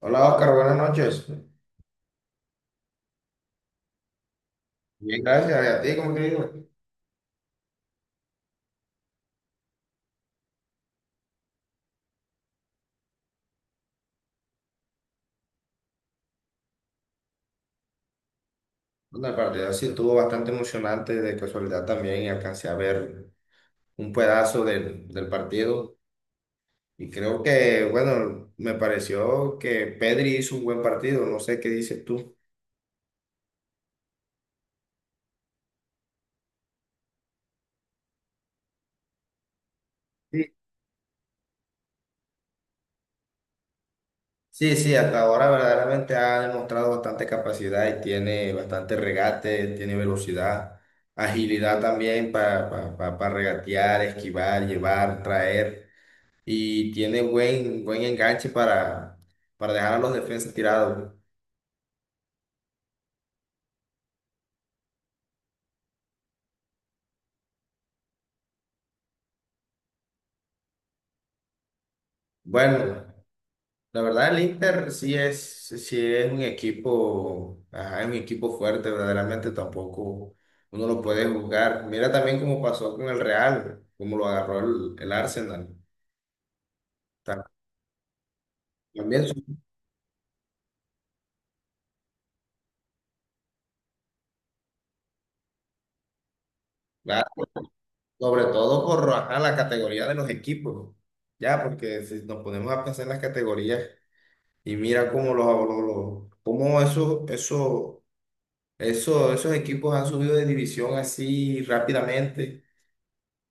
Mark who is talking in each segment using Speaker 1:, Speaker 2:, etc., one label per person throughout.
Speaker 1: Hola Oscar, buenas noches. Bien, gracias. ¿Y a ti cómo te digo? Bueno, el partido sí estuvo bastante emocionante. De casualidad también y alcancé a ver un pedazo del partido. Y creo que, bueno, me pareció que Pedri hizo un buen partido. No sé qué dices tú. Sí, sí, sí, hasta ahora verdaderamente ha demostrado bastante capacidad y tiene bastante regate, tiene velocidad, agilidad también para regatear, esquivar, llevar, traer. Y tiene buen enganche para dejar a los defensas tirados. Bueno, la verdad el Inter sí es un equipo, ajá, es un equipo fuerte, verdaderamente tampoco uno lo puede juzgar. Mira también cómo pasó con el Real, cómo lo agarró el Arsenal. Ta- También, su- claro, sobre todo por ajá, la categoría de los equipos, ya, porque si nos ponemos a pensar en las categorías y mira cómo cómo esos equipos han subido de división así rápidamente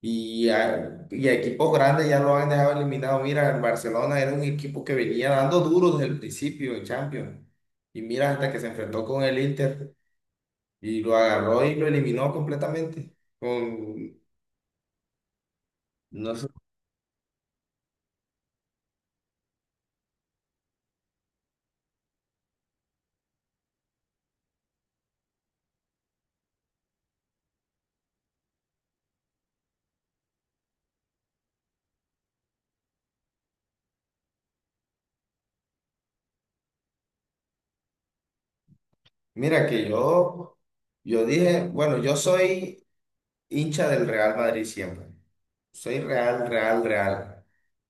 Speaker 1: y, y a equipos grandes ya lo han dejado eliminado. Mira, el Barcelona era un equipo que venía dando duro desde el principio en Champions. Y mira, hasta que se enfrentó con el Inter y lo agarró y lo eliminó completamente. Con, no sé. Mira que yo dije, bueno, yo soy hincha del Real Madrid siempre. Soy real, real, real.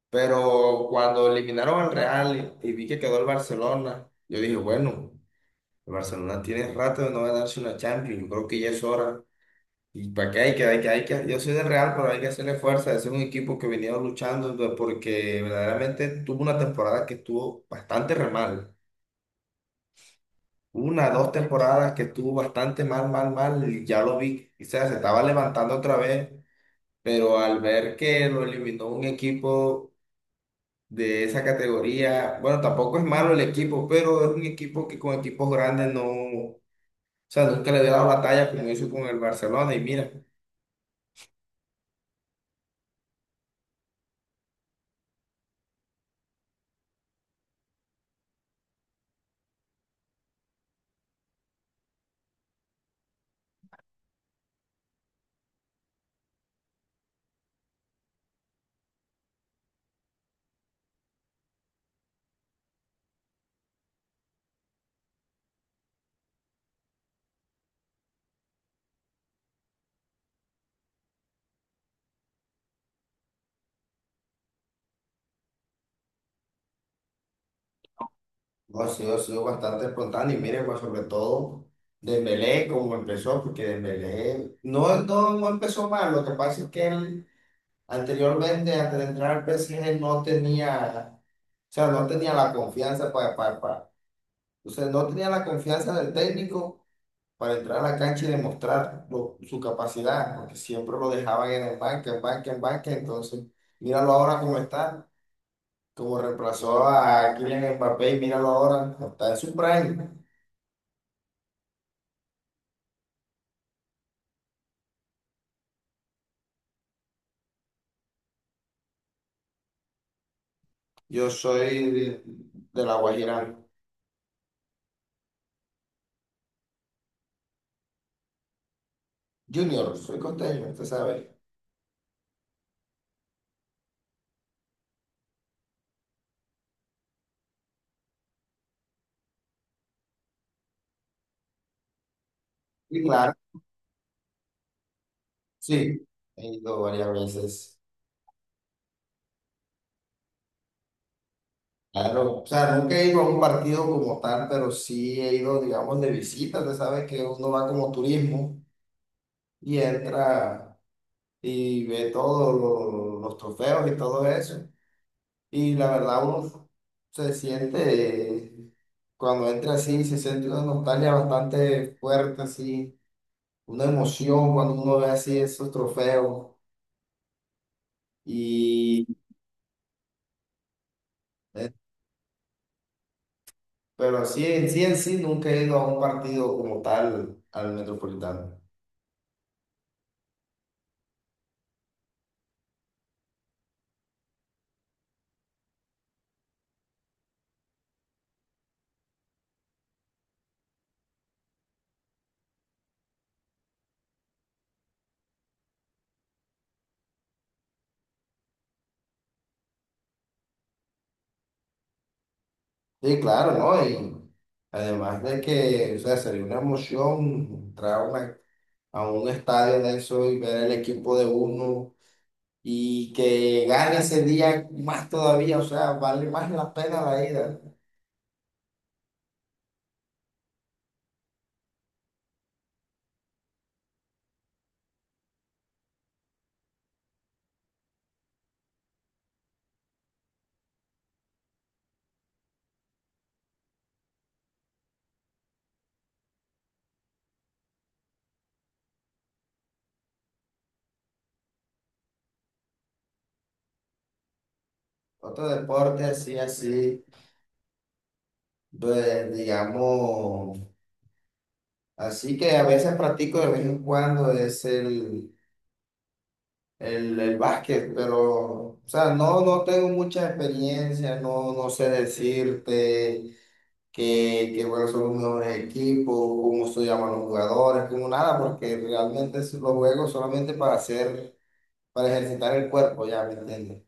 Speaker 1: Pero cuando eliminaron al Real y vi que quedó el Barcelona, yo dije, bueno, el Barcelona tiene rato de no ganarse una Champions, yo creo que ya es hora. ¿Y para qué hay que? Yo soy del Real, pero hay que hacerle fuerza. Ese es un equipo que venía luchando pues, porque verdaderamente tuvo una temporada que estuvo bastante re mal. Una, dos temporadas que estuvo bastante mal, mal, mal. Y ya lo vi, o sea, se estaba levantando otra vez, pero al ver que lo eliminó un equipo de esa categoría. Bueno, tampoco es malo el equipo, pero es un equipo que con equipos grandes no, o sea, nunca le había dado la talla como hizo con el Barcelona. Y mira, no, ha sido bastante espontáneo. Y mira, pues sobre todo Dembélé, como empezó, porque Dembélé no empezó mal. Lo que pasa es que él anteriormente, antes de entrar al PSG, no tenía. O sea, no tenía la confianza para. O sea, no tenía la confianza del técnico para entrar a la cancha y demostrar su capacidad, porque siempre lo dejaban en el banco, en banca, entonces míralo ahora cómo está, como reemplazó a Kylian Mbappé y míralo ahora, está en su prime. Yo soy de La Guajira. Junior, soy costeño, usted sabe. Y claro, sí, he ido varias veces. Claro, o sea, nunca he ido a un partido como tal, pero sí he ido, digamos, de visita, usted sabe que uno va como turismo y entra y ve los trofeos y todo eso. Y la verdad uno se siente, cuando entra así, se siente una nostalgia bastante fuerte, así, una emoción cuando uno ve así esos trofeos. Y, eh, pero sí, en sí, nunca he ido a un partido como tal al Metropolitano. Sí, claro, ¿no? Y además de que, o sea, sería una emoción entrar a una- a un estadio de eso y ver el equipo de uno y que gane ese día más todavía, o sea, vale más la pena la ida. Otro deporte así, así, pues, digamos, así que a veces practico de vez en cuando es el básquet, pero, o sea, no, no tengo mucha experiencia, no, no sé decirte. Que bueno, son los mejores equipos, cómo se llaman los jugadores, como nada, porque realmente los juego solamente para hacer, para ejercitar el cuerpo, ya, ¿me entiendes?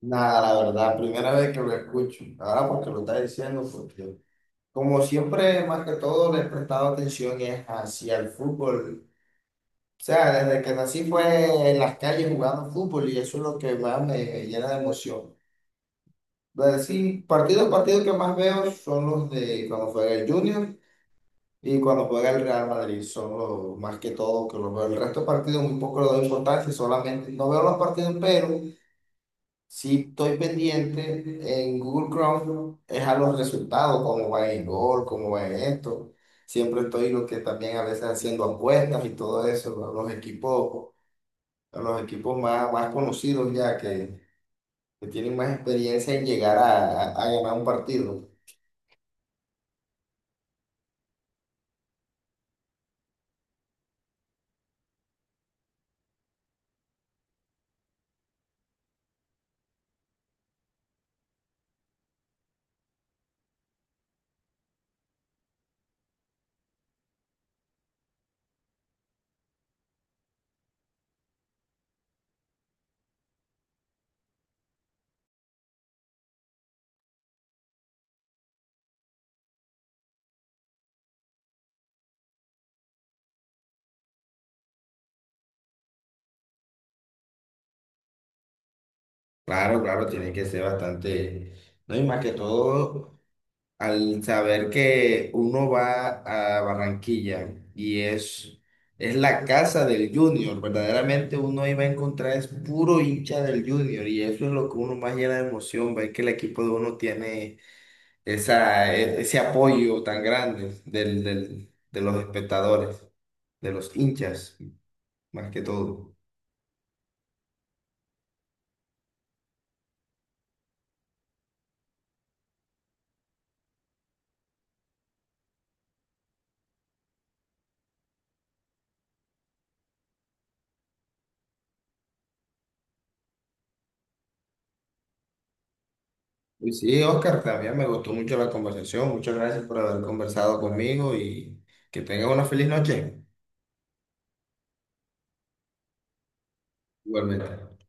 Speaker 1: Nada, la verdad, primera vez que lo escucho. Ahora porque lo está diciendo, porque como siempre, más que todo, le he prestado atención es hacia el fútbol. O sea, desde que nací fue en las calles jugando fútbol y eso es lo que más me llena de emoción. Entonces, sí, partidos que más veo son los de cuando juega el Junior y cuando juega el Real Madrid. Son los más que todo que los veo. El resto de partidos muy poco le doy importancia, solamente no veo los partidos, pero. Si estoy pendiente en Google Chrome, es a los resultados, cómo va el gol, cómo va esto. Siempre estoy lo que también a veces haciendo apuestas y todo eso, ¿no? Los equipos, los equipos más, más conocidos ya que tienen más experiencia en llegar a, a ganar un partido. Claro, claro, tiene que ser bastante, no y más que todo al saber que uno va a Barranquilla y es la casa del Junior, verdaderamente uno iba a encontrar es puro hincha del Junior y eso es lo que uno más llena de emoción, ver que el equipo de uno tiene esa, ese apoyo tan grande de los espectadores, de los hinchas, más que todo. Y sí, Oscar, también me gustó mucho la conversación. Muchas gracias por haber conversado conmigo y que tengas una feliz noche. Igualmente.